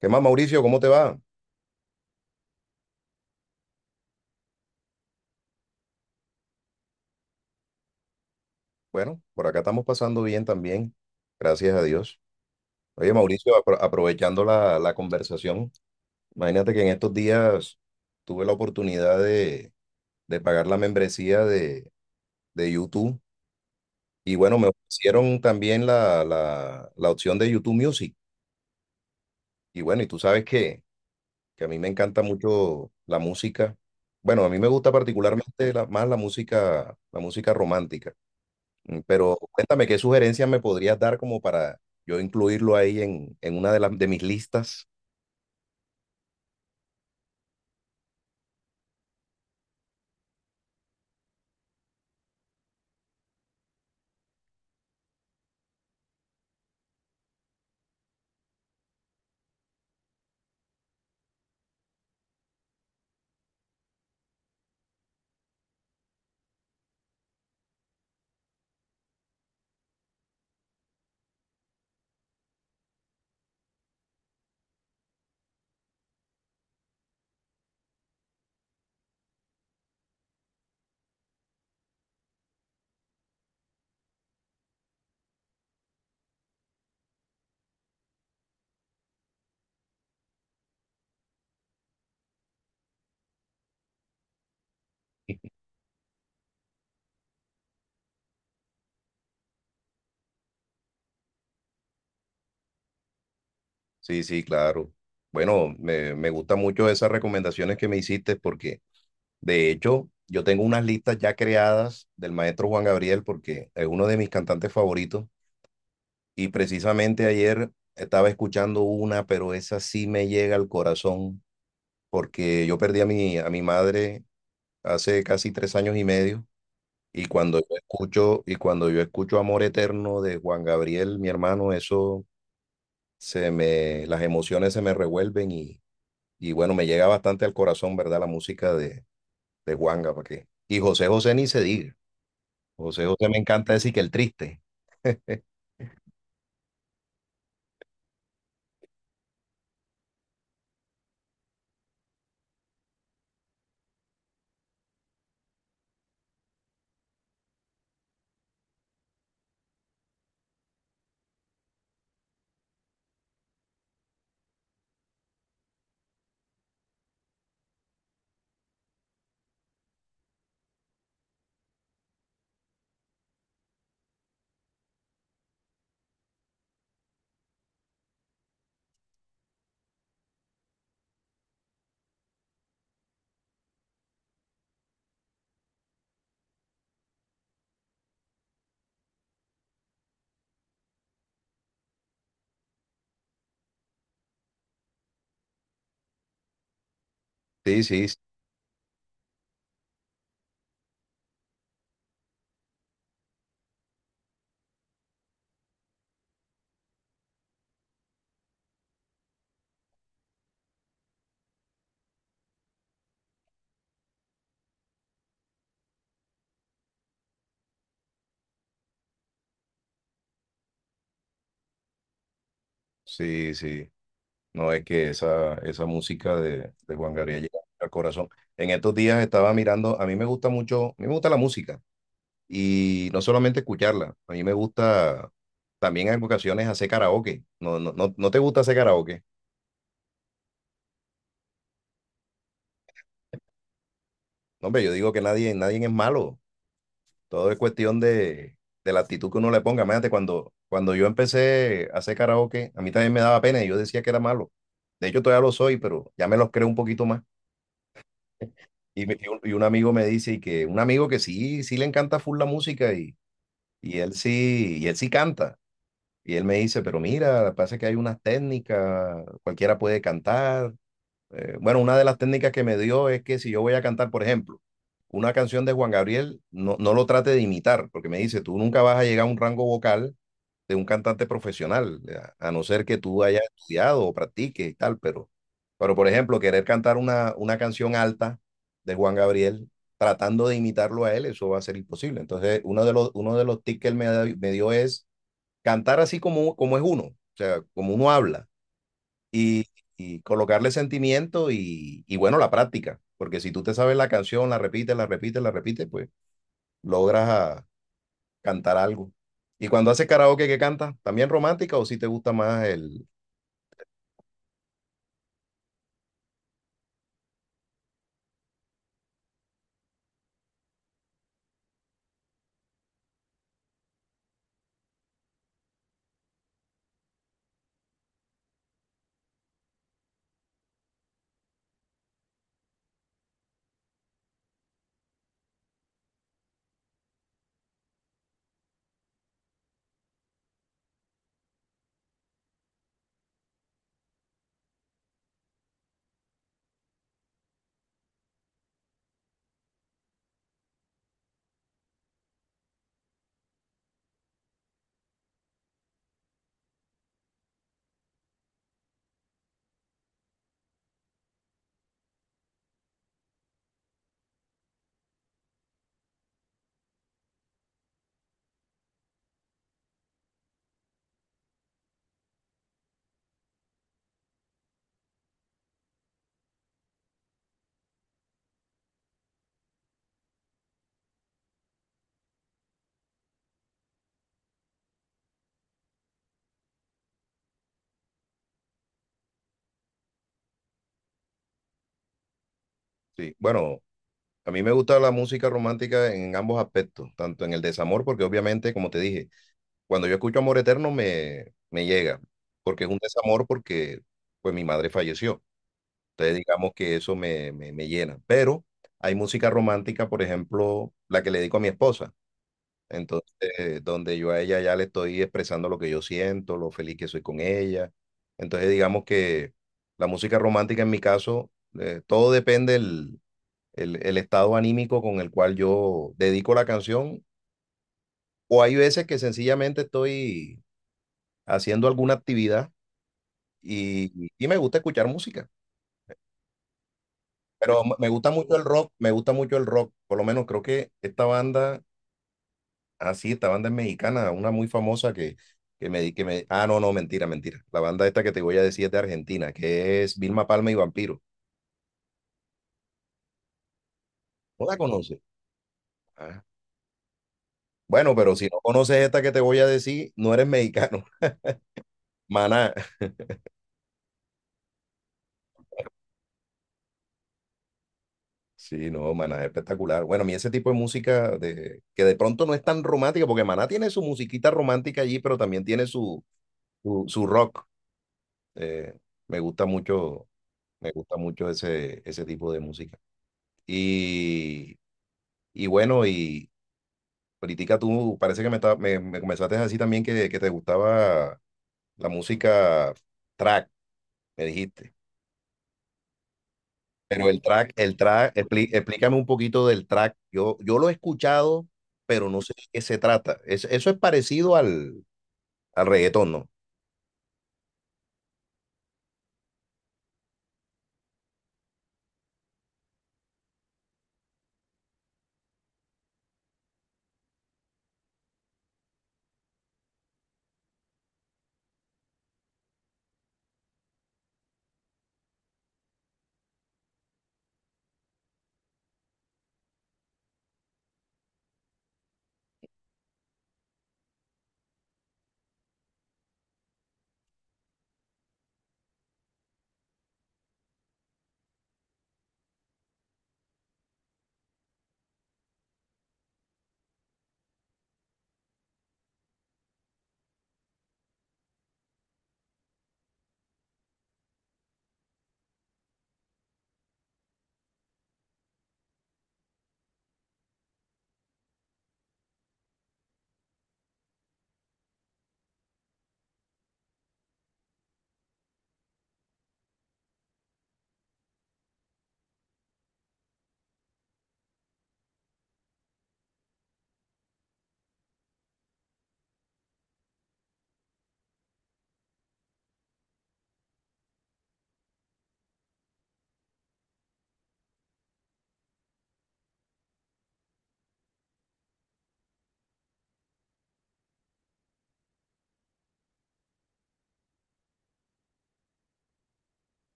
¿Qué más, Mauricio? ¿Cómo te va? Bueno, por acá estamos pasando bien también, gracias a Dios. Oye, Mauricio, aprovechando la conversación, imagínate que en estos días tuve la oportunidad de pagar la membresía de YouTube y bueno, me ofrecieron también la opción de YouTube Music. Y bueno, y tú sabes que a mí me encanta mucho la música. Bueno, a mí me gusta particularmente más la música romántica. Pero cuéntame, ¿qué sugerencias me podrías dar como para yo incluirlo ahí en una de las de mis listas? Sí, sí, claro. Bueno, me gustan mucho esas recomendaciones que me hiciste porque de hecho yo tengo unas listas ya creadas del maestro Juan Gabriel porque es uno de mis cantantes favoritos y precisamente ayer estaba escuchando una, pero esa sí me llega al corazón porque yo perdí a a mi madre hace casi tres años y medio. Y cuando yo escucho Amor Eterno de Juan Gabriel, mi hermano, las emociones se me revuelven y bueno, me llega bastante al corazón, ¿verdad? La música de Juan Gabriel. Y José José ni se diga. José José, me encanta decir que el triste. Sí, sí, sí, sí. No, es que esa música de Juan Gabriel llega al corazón. En estos días estaba mirando, a mí me gusta mucho, a mí me gusta la música y no solamente escucharla, a mí me gusta también en ocasiones hacer karaoke. ¿No, no, no, no te gusta hacer karaoke? No, hombre, yo digo que nadie, nadie es malo. Todo es cuestión de la actitud que uno le ponga. Imagínate, cuando yo empecé a hacer karaoke, a mí también me daba pena y yo decía que era malo. De hecho, todavía lo soy, pero ya me los creo un poquito más. Y, y un amigo me dice y que un amigo que sí, sí le encanta full la música y él sí canta. Y él me dice, pero mira, pasa que hay unas técnicas, cualquiera puede cantar. Bueno, una de las técnicas que me dio es que si yo voy a cantar, por ejemplo, una canción de Juan Gabriel, no, no lo trate de imitar, porque me dice, tú nunca vas a llegar a un rango vocal de un cantante profesional, a no ser que tú hayas estudiado o practiques y tal, pero por ejemplo, querer cantar una canción alta de Juan Gabriel tratando de imitarlo a él, eso va a ser imposible. Entonces, uno de los tips que él me dio es cantar así como, como es uno, o sea, como uno habla y, y colocarle sentimiento y bueno, la práctica, porque si tú te sabes la canción, la repites, la repites, la repites, pues logras a- cantar algo. Y cuando hace karaoke, ¿qué canta? ¿También romántica o si sí te gusta más el...? Sí, bueno, a mí me gusta la música romántica en ambos aspectos, tanto en el desamor, porque obviamente, como te dije, cuando yo escucho Amor Eterno me llega, porque es un desamor porque pues mi madre falleció. Entonces digamos que eso me llena. Pero hay música romántica, por ejemplo, la que le dedico a mi esposa. Entonces, donde yo a ella ya le estoy expresando lo que yo siento, lo feliz que soy con ella. Entonces, digamos que la música romántica en mi caso, todo depende del el estado anímico con el cual yo dedico la canción. O hay veces que sencillamente estoy haciendo alguna actividad y me gusta escuchar música. Pero me gusta mucho el rock, me gusta mucho el rock. Por lo menos creo que esta banda... Ah, sí, esta banda es mexicana, una muy famosa que me, di- que me... Ah, no, no, mentira, mentira. La banda esta que te voy a decir es de Argentina, que es Vilma Palma y Vampiro. ¿No la conoces? Ah, bueno, pero si no conoces esta que te voy a decir, no eres mexicano. Maná. Sí, no, Maná es espectacular. Bueno, a mí ese tipo de música de, que de pronto no es tan romántica, porque Maná tiene su musiquita romántica allí, pero también tiene su rock. Eh, me gusta mucho, me gusta mucho ese tipo de música. Y... Y bueno, y, ahorita tú parece que me comenzaste a decir también que te gustaba la música track, me dijiste. Pero el track, explícame un poquito del track. Yo lo he escuchado, pero no sé de qué se trata. Eso es parecido al, al reggaetón, ¿no?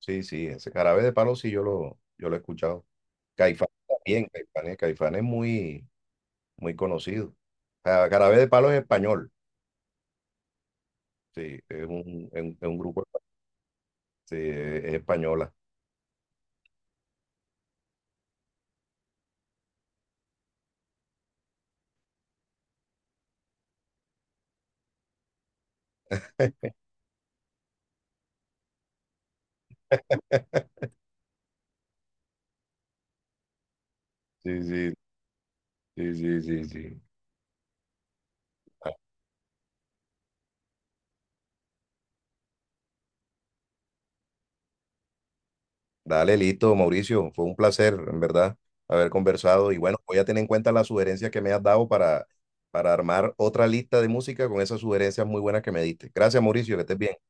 Sí, sí, ese jarabe de palo sí yo lo he escuchado. Caifán también, Caifán es muy, muy conocido. Ah, Jarabe de palo es español, sí, es un grupo, sí, es española. Sí, sí, sí, sí, sí, sí. Dale, listo, Mauricio. Fue un placer, en verdad, haber conversado. Y bueno, voy a tener en cuenta las sugerencias que me has dado para armar otra lista de música con esas sugerencias muy buenas que me diste. Gracias, Mauricio, que estés bien.